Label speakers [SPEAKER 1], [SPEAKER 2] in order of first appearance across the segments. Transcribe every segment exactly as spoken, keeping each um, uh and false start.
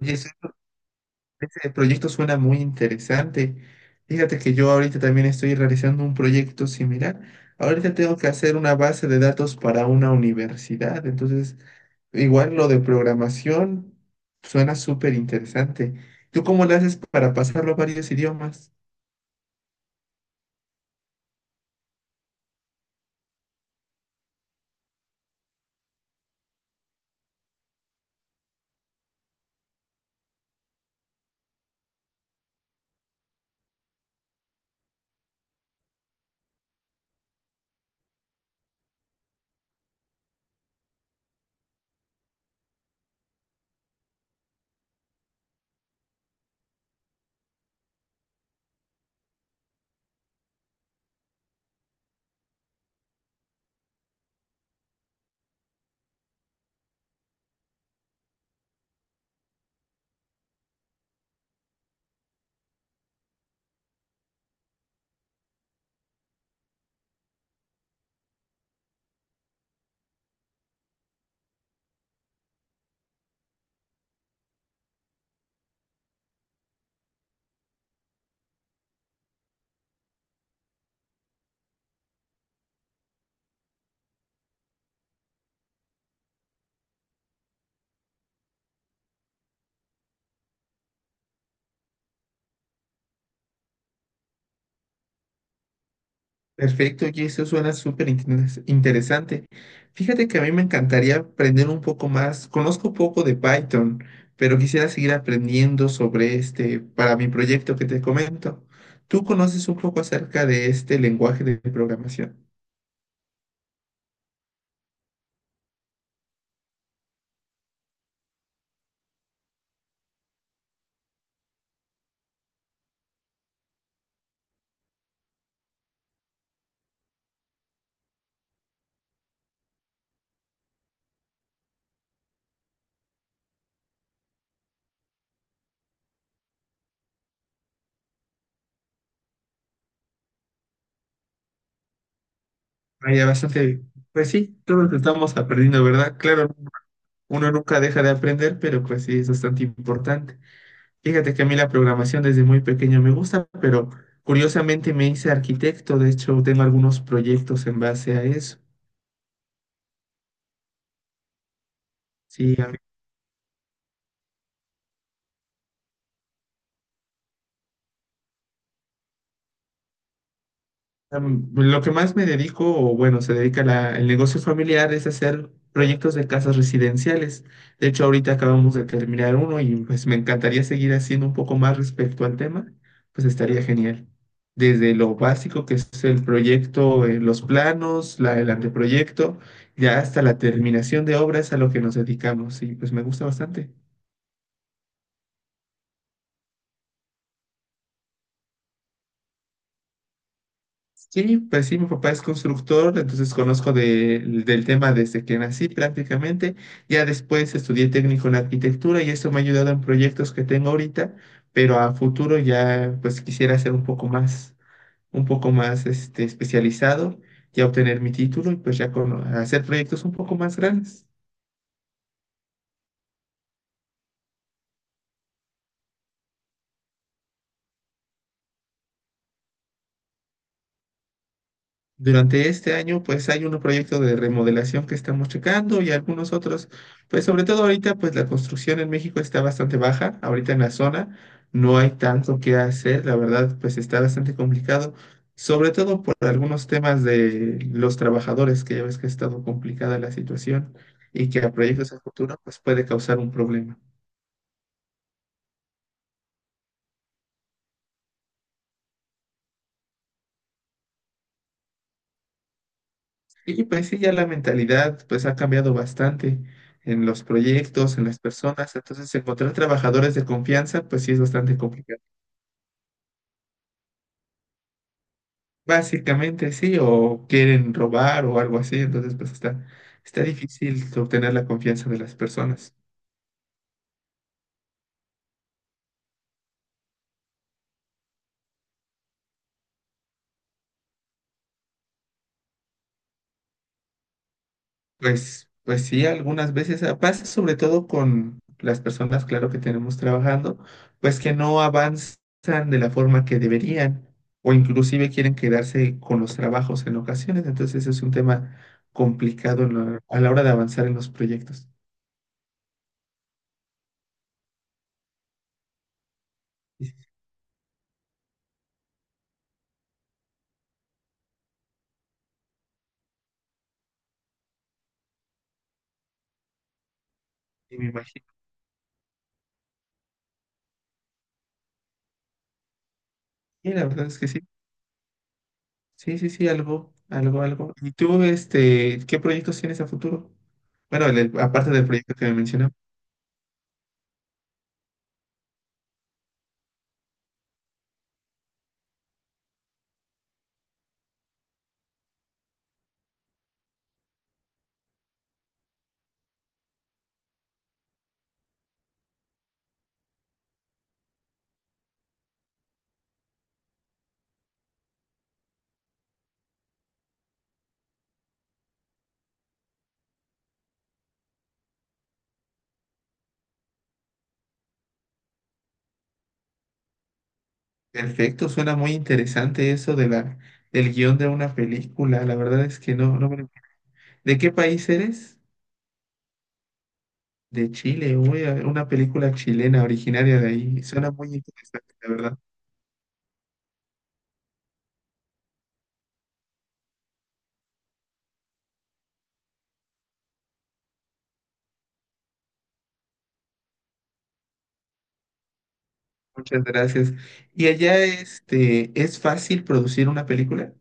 [SPEAKER 1] Oye, ese, ese proyecto suena muy interesante. Fíjate que yo ahorita también estoy realizando un proyecto similar. Ahorita tengo que hacer una base de datos para una universidad. Entonces, igual lo de programación suena súper interesante. ¿Tú cómo lo haces para pasarlo a varios idiomas? Perfecto, y eso suena súper interes- interesante. Fíjate que a mí me encantaría aprender un poco más. Conozco poco de Python, pero quisiera seguir aprendiendo sobre este para mi proyecto que te comento. ¿Tú conoces un poco acerca de este lenguaje de programación? Vaya, bastante. Pues sí, todos estamos aprendiendo, ¿verdad? Claro, uno nunca deja de aprender, pero pues sí, es bastante importante. Fíjate que a mí la programación desde muy pequeño me gusta, pero curiosamente me hice arquitecto, de hecho tengo algunos proyectos en base a eso. Sí, Em, lo que más me dedico, o bueno, se dedica la- el negocio familiar, es hacer proyectos de casas residenciales. De hecho, ahorita acabamos de terminar uno y pues me encantaría seguir haciendo un poco más respecto al tema, pues estaría genial. Desde lo básico que es el proyecto, eh, los planos, la, el anteproyecto, ya hasta la terminación de obras a lo que nos dedicamos y pues me gusta bastante. Sí, pues sí, mi papá es constructor, entonces conozco de- del tema desde que nací prácticamente. Ya después estudié técnico en arquitectura y eso me ha ayudado en proyectos que tengo ahorita, pero a futuro ya pues quisiera ser un poco más, un poco más este, especializado, ya obtener mi título y pues ya con, hacer proyectos un poco más grandes. Durante este año, pues hay unos proyectos de remodelación que estamos checando y algunos otros, pues sobre todo ahorita, pues la construcción en México está bastante baja, ahorita en la zona no hay tanto que hacer, la verdad, pues está bastante complicado, sobre todo por algunos temas de los trabajadores, que ya ves que ha estado complicada la situación y que a proyectos a futuro, pues puede causar un problema. Y pues sí, ya la mentalidad pues ha cambiado bastante en los proyectos, en las personas, entonces encontrar trabajadores de confianza pues sí es bastante complicado. Básicamente sí, o quieren robar o algo así, entonces pues está, está difícil obtener la confianza de las personas. Pues, pues sí, algunas veces ah, pasa sobre todo con las personas, claro, que tenemos trabajando, pues que no avanzan de la forma que deberían o inclusive quieren quedarse con los trabajos en ocasiones. Entonces es un tema complicado en la- a la hora de avanzar en los proyectos. Y, y me imagino. Y la verdad es que sí. Sí, sí, sí, algo, algo, algo. ¿Y tú, este, qué proyectos tienes a futuro? Bueno, el- el- aparte del proyecto que me mencionabas. Perfecto, suena muy interesante eso de la, del guión de una película. La verdad es que no, no me- ¿De qué país eres? De Chile, uy, a ver, una película chilena originaria de ahí. Suena muy interesante, la verdad. Muchas gracias. ¿Y allá este, es fácil producir una película?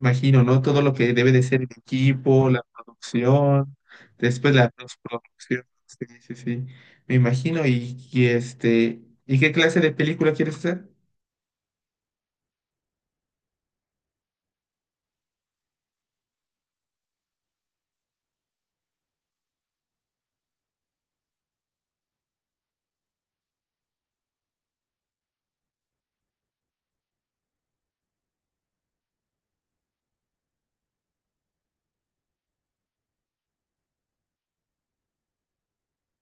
[SPEAKER 1] Imagino, ¿no? Todo lo que debe de ser el equipo, la producción, después la postproducción. Sí, sí, sí. Me imagino. Y, y este, ¿y qué clase de película quieres hacer?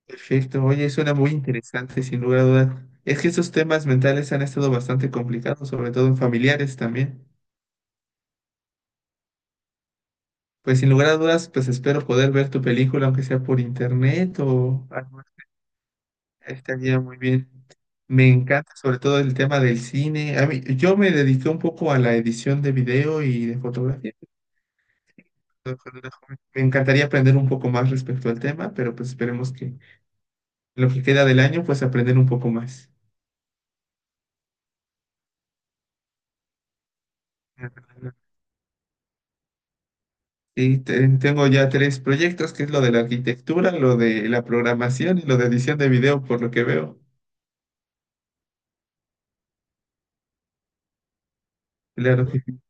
[SPEAKER 1] Perfecto, oye, suena muy interesante, sin lugar a dudas. Es que estos temas mentales han estado bastante complicados, sobre todo en familiares también. Pues sin lugar a dudas, pues espero poder ver tu película, aunque sea por internet o algo así. Estaría muy bien. Me encanta sobre todo el tema del cine. A mí, yo me dediqué un poco a la edición de video y de fotografía. cuando cuando era joven. Me encantaría aprender un poco más respecto al tema, pero pues esperemos que en lo que queda del año, pues aprender un poco más. Y te- tengo ya tres proyectos, que es lo de la arquitectura, lo de la programación y lo de edición de video, por lo que veo. Claro que sí.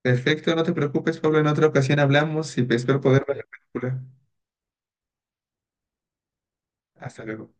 [SPEAKER 1] Perfecto, no te preocupes, Pablo. En otra ocasión hablamos y espero poder ver la película. Hasta luego.